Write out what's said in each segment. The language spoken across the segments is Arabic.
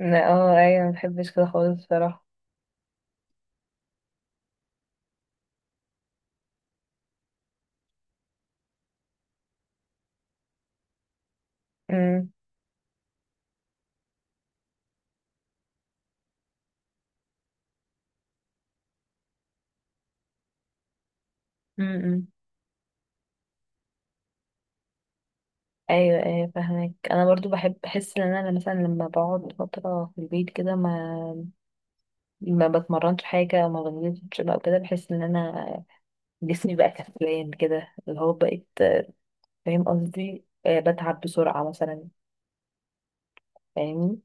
لا، ايوه ما بحبش كده خالص بصراحه. امم، امم. ايوه، ايوه، فاهمك. انا برضو بحب بحس ان انا مثلا لما بقعد فتره في البيت كده ما بتمرنش حاجه او ما بنزلش بقى كده، بحس ان انا جسمي بقى كسلان كده اللي هو بقيت، فاهم قصدي؟ بتعب بسرعه مثلا. فاهمني؟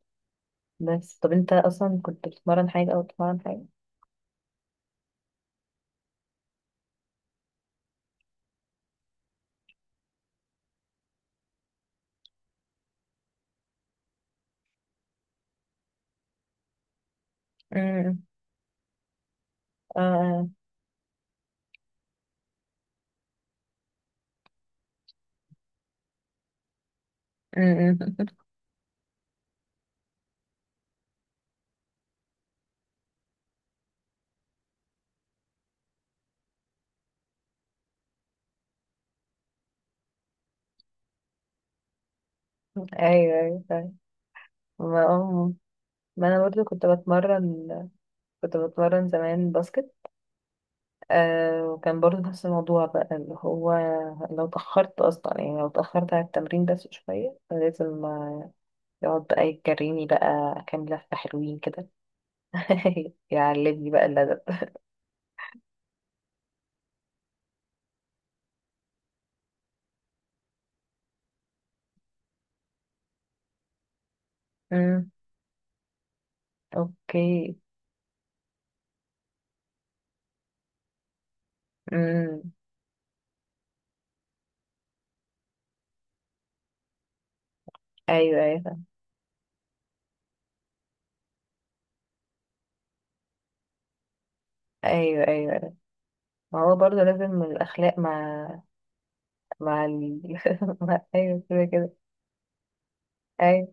بس طب انت اصلا كنت بتتمرن حاجه او بتتمرن حاجه؟ امم. اه. آه. امم. ايوه، ايوه، فاهم. ما آه، ما انا برضو كنت بتمرن زمان باسكت. وكان برضه نفس الموضوع بقى، اللي هو لو اتأخرت أصلا يعني لو اتأخرت على التمرين بس شوية لازم، يقعد بقى يجريني بقى كام لفة حلوين كده. يعلمني بقى الأدب. أمم، أوكي، أمم، أيوه، أيوه، أيوه، أيوه، أيوة. ما هو برضه لازم الأخلاق مع ال... مع... أيوه كده كده، أيوه،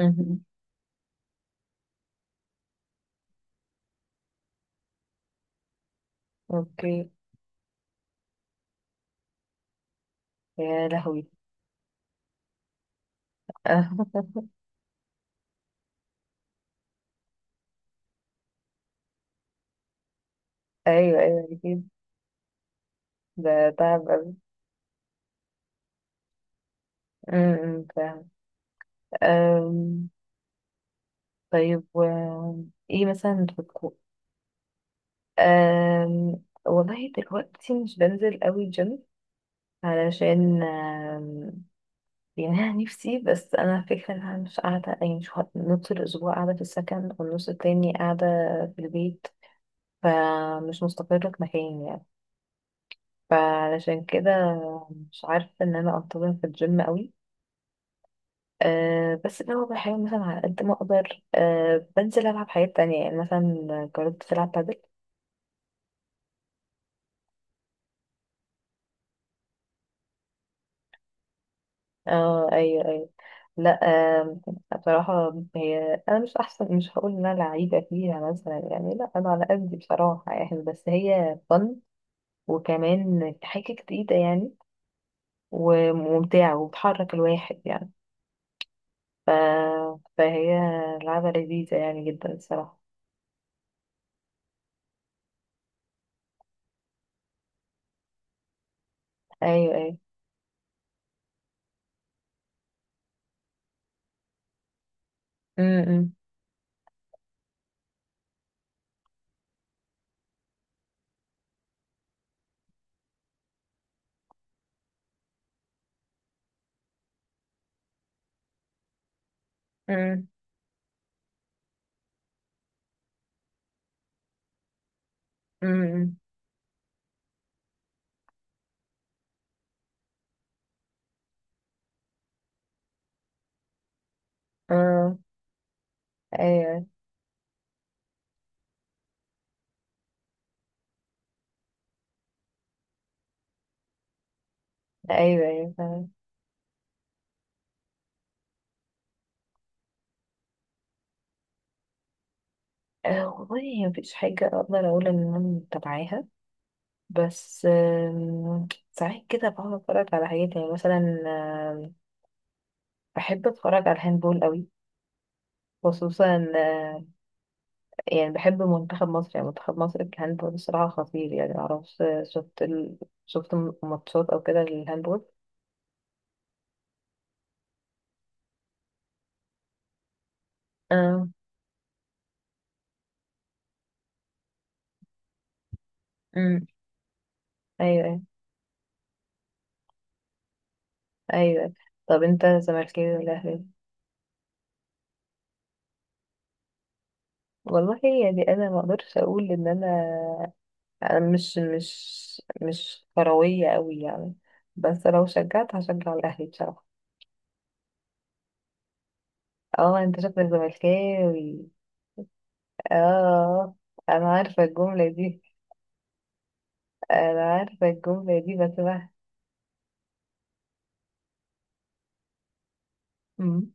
أمم، أوكي، يا لهوي. أيوه، أيوه، أكيد. ده تعب. امم، فاهم. أم، طيب و ايه مثلا بتكون؟ والله دلوقتي مش بنزل قوي جيم، علشان يعني انا نفسي، بس انا فكرة ان انا مش قاعدة، يعني مش هقعد نص الاسبوع قاعدة في السكن والنص التاني قاعدة في البيت، فمش مستقرة في مكاني يعني. فعلشان كده مش عارفة ان انا انتظم في الجيم قوي. أه، بس اللي هو بحاول مثلا على قد ما اقدر، بنزل العب حاجات تانية يعني، مثلا جربت تلعب بادل. اه، ايوه، ايوه. لا. أه. بصراحة هي انا مش احسن، مش هقول ان انا لعيبة فيها مثلا يعني، لا انا على قدي بصراحة يعني، بس هي فن، وكمان حاجة جديدة يعني، وممتعة وبتحرك الواحد يعني. ف... فهي لعبة لذيذة يعني جدا الصراحة. ايوه، ايوه، امم، امم، امم، أمم. اه، ايوه، ايوه، ايوه فعلا. آه والله، هي مفيش حاجة اقدر اقول ان انا متابعاها. بس، ساعات كده بقعد اتفرج على حاجات يعني مثلا، آم، بحب اتفرج على الهاندبول قوي، خصوصا يعني بحب منتخب مصر، يعني منتخب مصر في الهاندبول الصراحة خطير يعني. معرفش، شفت ماتشات او كده للهاندبول؟ آه. أمم، ايوه، ايوه، ايوه. طب انت زملكاوي ولا اهلاوي؟ والله يعني انا ما اقدرش اقول ان انا أنا مش كروية قوي يعني. بس لو شجعت هشجع الأهلي بصراحة. اه، انت شكلك زملكاوي. اه، انا عارفة الجملة دي، انا عارفة الجملة دي بسمعها. مم.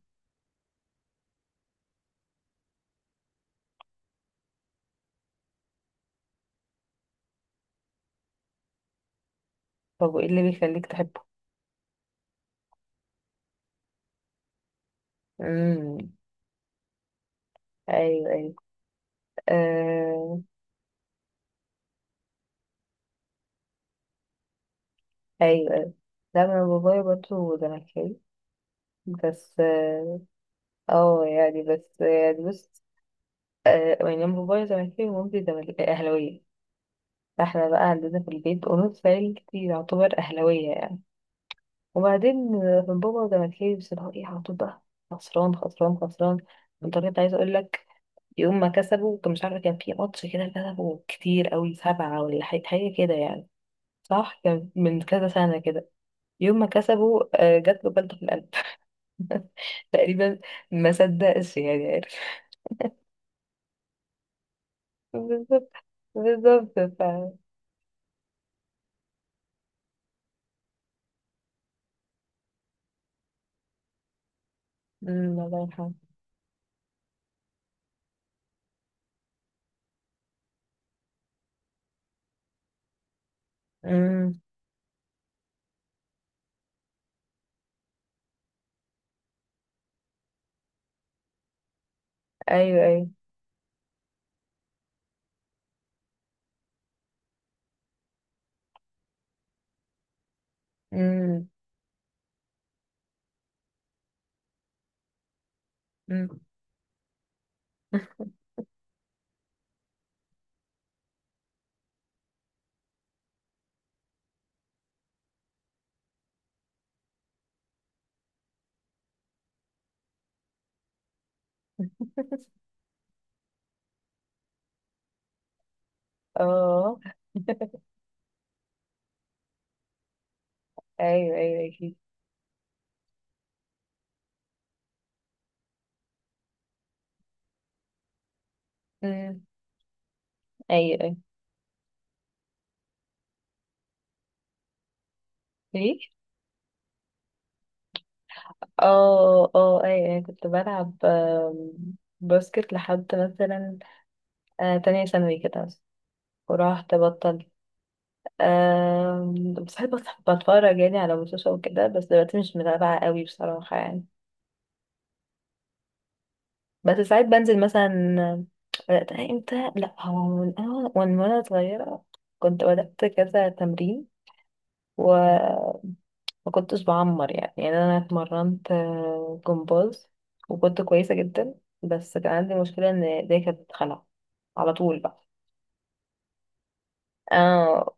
طب، وايه اللي بيخليك تحبه؟ امم، ايوه، ايوه، آه. ايوه، ايوه. لا انا بابايا برضه زملكاوي، بس يعني بس يعني بس يعني أنا بابايا زملكاوي ومامتي اهلاوية. فاحنا بقى عندنا في البيت قرود فايل كتير، يعتبر أهلاوية يعني. وبعدين، بابا زملكاوي، بس اللي هو ايه؟ على طول بقى خسران خسران خسران، بطريقة عايزة اقول لك. يوم ما كسبوا، كان مش عارفة، كان في ماتش كده كسبوا كتير قوي، سبعة ولا حاجة، حاجة كده يعني. صح كان من كذا سنة كده. يوم ما كسبوا جات له بلطة في القلب. تقريبا. ما صدقش يعني، عارف. بالظبط، بالظبط. أمم، الله يرحمه. أمم، ايوه، ايوه، أمم، أمم. اه، ايوه، ايوه، ايوه، اكيد. مم. ايوه، ايوه. ايه؟ اه، اه، ايوه، ايوه، كنت بلعب باسكت لحد مثلا تانية ثانوي كده مثلا. ورحت بطلت. بس بحب بتفرج يعني على ماتشات وكده، بس دلوقتي مش متابعة قوي بصراحة يعني. بس ساعات بنزل مثلا. بدأت امتى؟ لا هو من وانا صغيرة كنت بدأت كذا تمرين، ما كنتش بعمر يعني انا اتمرنت جمباز، وكنت كويسه جدا. بس كان عندي مشكله ان ايديا كانت بتتخلع على طول بقى. اه.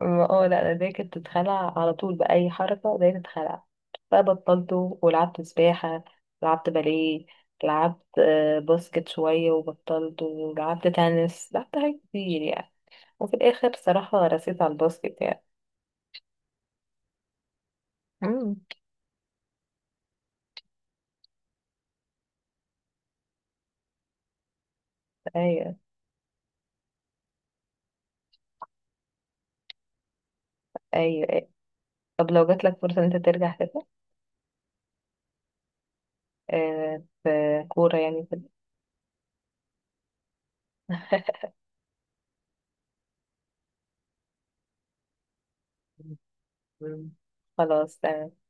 اه، لا انا ايديا كانت بتتخلع على طول، باي حركه ايديا تتخلع. فبطلته ولعبت سباحه، لعبت باليه، لعبت باسكت شويه وبطلته، ولعبت تنس، لعبت حاجات كتير يعني. وفي الاخر صراحه رسيت على الباسكت يعني. مم. ايوه، ايوه، أيوة. طب لو جاتلك فرصه ان انت ترجع في كورة يعني، ال- خلاص تمام.